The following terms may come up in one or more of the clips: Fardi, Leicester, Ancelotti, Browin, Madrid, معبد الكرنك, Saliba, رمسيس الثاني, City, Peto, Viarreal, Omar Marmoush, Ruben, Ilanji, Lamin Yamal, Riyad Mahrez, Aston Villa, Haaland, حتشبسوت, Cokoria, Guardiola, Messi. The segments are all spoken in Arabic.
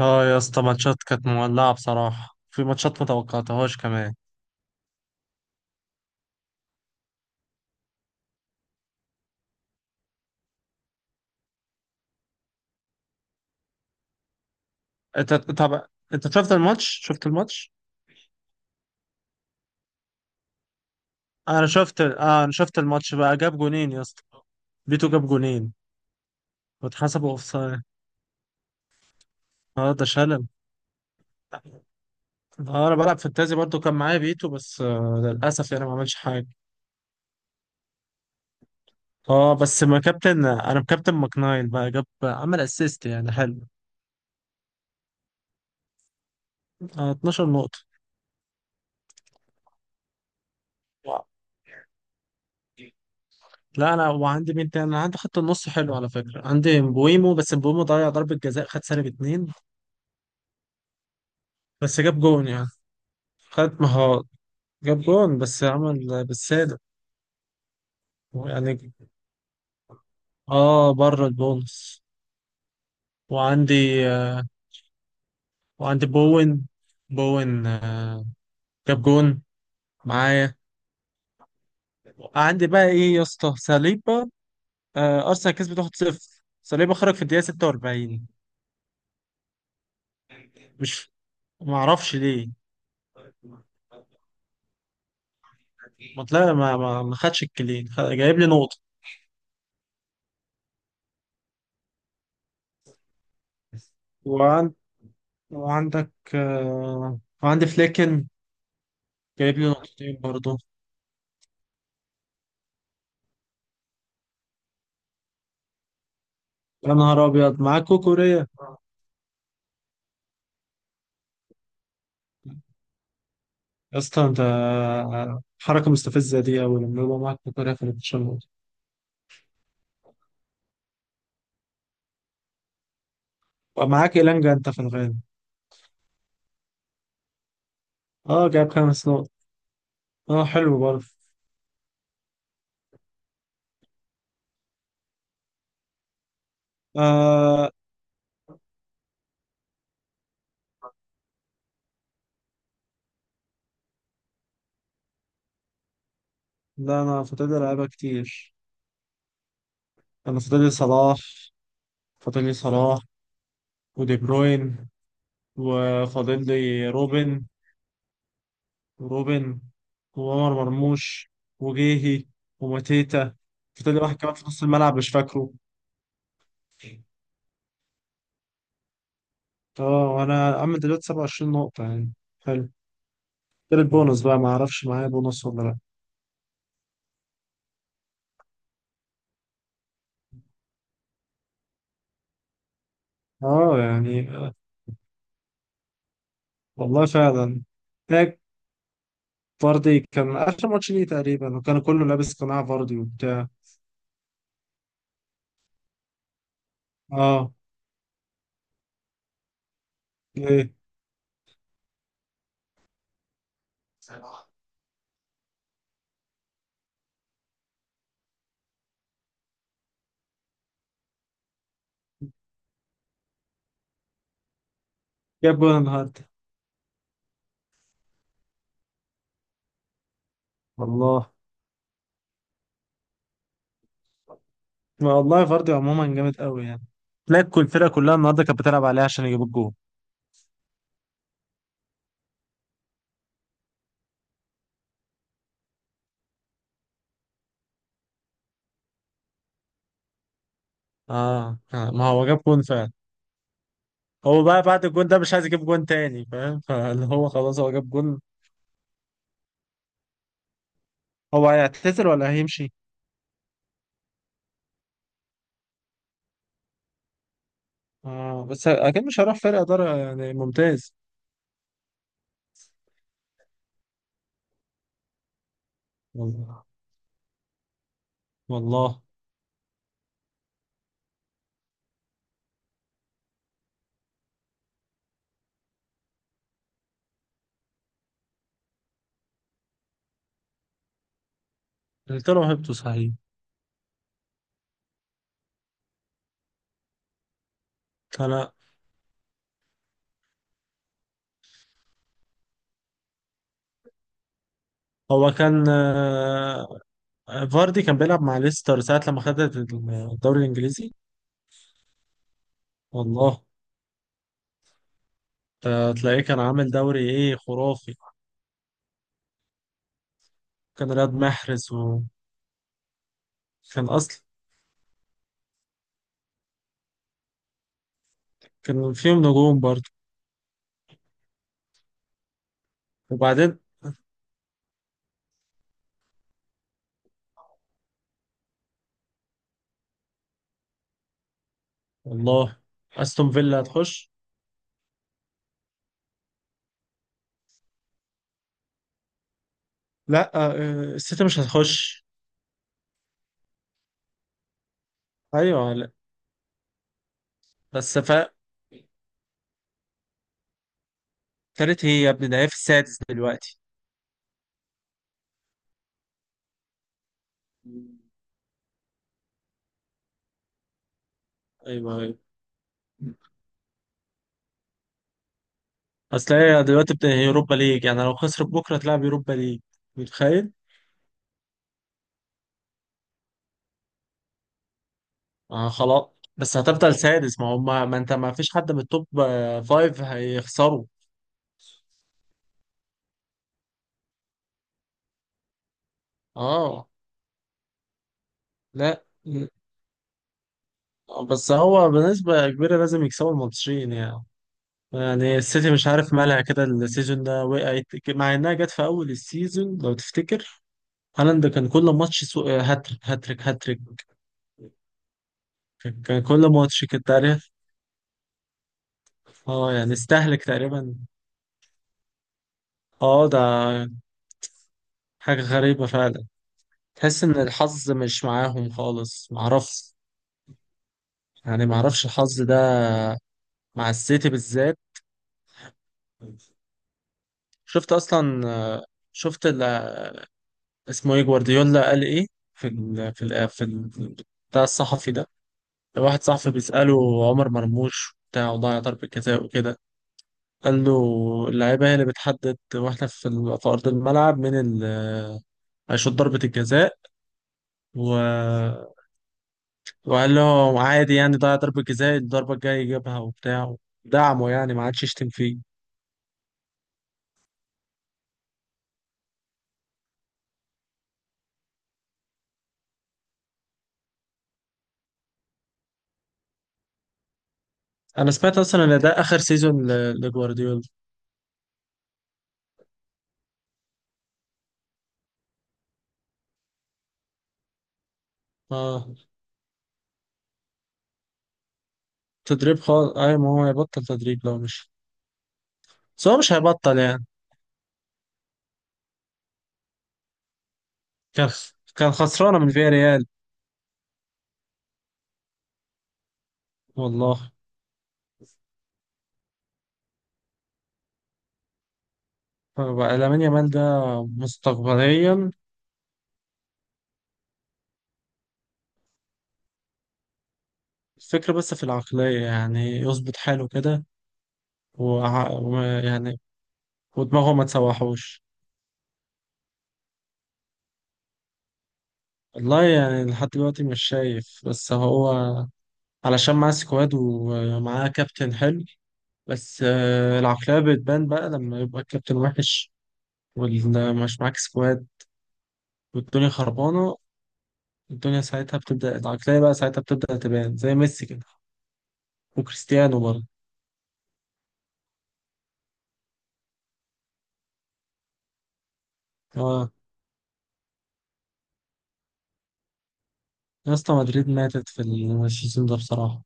اه يا اسطى، ماتشات كانت مولعة بصراحة، في ماتشات ما توقعتهاش كمان. انت طب انت شفت الماتش؟ انا شفت الماتش بقى، جاب جونين يا اسطى. بيتو جاب جونين واتحسبوا اوفسايد. اه، ده شلل. اه، انا بلعب فانتازي برضو، كان معايا بيتو بس للاسف يعني ما عملش حاجة. اه بس ما كابتن انا مكابتن ماكنايل بقى، عمل اسيست، يعني حلو. آه، 12 نقطة. لا انا، وعندي مين تاني؟ انا عندي خط النص حلو على فكره، عندي مبويمو بس مبويمو ضيع ضربه جزاء، خد سالب اتنين. بس جاب جون يعني، خد مهارات، جاب جون بس عمل بالسالب. يعني اه بره البونص. وعندي آه وعندي بوين، بوين جاب جون معايا. عندي بقى ايه يا اسطى؟ ساليبا. آه، ارسنال كسبت 1-0، ساليبا خرج في الدقيقه 46. مش معرفش ليه. ما طلع، ما خدش الكلين، جايب لي نقطه. وعند... وعندك وعندي فليكن، جايب لي نقطتين برضه. يا نهار أبيض، معاك كوكوريا! يا اسطى أنت، حركة مستفزة دي أوي لما يبقى معاك كوكوريا في الماتشات. ومعاك إيلانجا أنت في الغالب. أه، جايب 5 نقط. أه، حلو برضه. آه... لا، أنا فاضل لي لعيبة كتير. أنا فاضل لي صلاح، ودي بروين، وفاضل لي روبن وروبن وعمر مرموش، وجيهي، وماتيتا. فاضل لي واحد كمان في نص الملعب مش فاكره. اه، وانا عم دلوقتي 27 نقطة يعني. حلو. غير البونص بقى، ما اعرفش معايا بونص ولا لا. اه يعني، والله فعلا. هيك. فاردي كان اخر ماتش ليه تقريبا، وكان كله لابس قناع فاردي وبتاع. اه، ايه، جاب جول النهارده. والله. ما والله فاردي عموما جامد قوي يعني. تلاقي كل الفرقة كلها النهارده كانت بتلعب عليه عشان يجيب الجول. اه، ما هو جاب جون فعلا. هو بقى بعد الجون ده مش عايز يجيب جون تاني فاهم، فاللي هو خلاص هو جاب جون. هو هيعتزل ولا هيمشي؟ اه، بس اكيد مش هيروح فرقة ادارة يعني ممتاز. والله، والله. قلت له هبته صحيح. انا هو كان آه، فاردي كان بيلعب مع ليستر ساعة لما خدت الدوري الانجليزي. والله. آه، تلاقيه كان عامل دوري ايه خرافي. كان رياض محرز، وكان اصلا كان فيهم نجوم برضه. وبعدين؟ والله، استون فيلا هتخش. لا، السيتي مش هتخش. ايوه لا، بس ف ابتدت هي يا ابني، ده هي في السادس دلوقتي. ايوه، ايوه. اصل هي دلوقتي هي اوروبا ليج، يعني لو خسرت بكره تلعب اوروبا ليج. متخيل؟ اه، خلاص. بس هتفضل سادس ما هم، ما انت ما فيش حد من التوب فايف هيخسروا. اه، لا م- بس هو بنسبة كبيرة لازم يكسبوا الماتشين يعني. يعني السيتي مش عارف مالها كده السيزون ده، وقعت مع انها جت في اول السيزون لو تفتكر. هالاند كان كل ماتش هاتريك، هاتريك، هاتريك. كان كل ماتش كده تعرف. اه يعني استهلك تقريبا. اه ده حاجة غريبة فعلا. تحس ان الحظ مش معاهم خالص، معرفش. يعني معرفش الحظ ده مع السيتي بالذات. شفت اصلا، شفت ال- اسمه ايه، جوارديولا قال ايه؟ في ال في ال في ال- بتاع الصحفي ده، واحد صاحبي بيسأله عمر مرموش بتاع وضيع ضربة جزاء وكده، قال له اللعيبة هي اللي بتحدد، واحنا في أرض الملعب من ال هيشوط ضربة الجزاء. و... وقال له عادي يعني، ضيع ضربة جزاء، الضربة الجاية يجيبها وبتاع. دعمه يعني ما عادش يشتم فيه. أنا سمعت أصلا إن ده آخر سيزون لجوارديولا. آه. تدريب خالص، أي ما هو هيبطل تدريب لو مش، بس هو مش هيبطل يعني. كان كان خسرانة من فياريال. والله. فبقى لامين يامال ده مستقبليا. الفكرة بس في العقلية، يعني يظبط حاله كده. يعني ودماغه ما تسوحوش. والله يعني لحد دلوقتي مش شايف، بس هو علشان معاه سكواد ومعاه كابتن حلو. بس العقلية بتبان بقى لما يبقى الكابتن وحش، ومش معاك سكواد، والدنيا خربانة. الدنيا ساعتها بتبدأ العقلية بقى، ساعتها بتبدأ تبان زي ميسي كده، وكريستيانو برضه. يا اسطى، مدريد ماتت في السيزون ده بصراحة.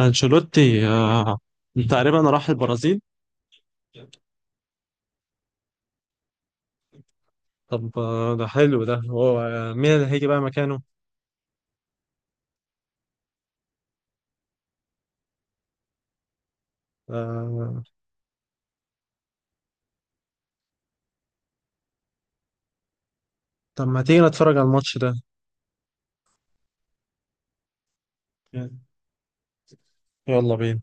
أنشيلوتي تقريبا راح البرازيل. طب، ده حلو، ده هو، مين اللي هيجي بقى مكانه؟ آه. طب ما تيجي نتفرج على الماتش ده. يلا بينا.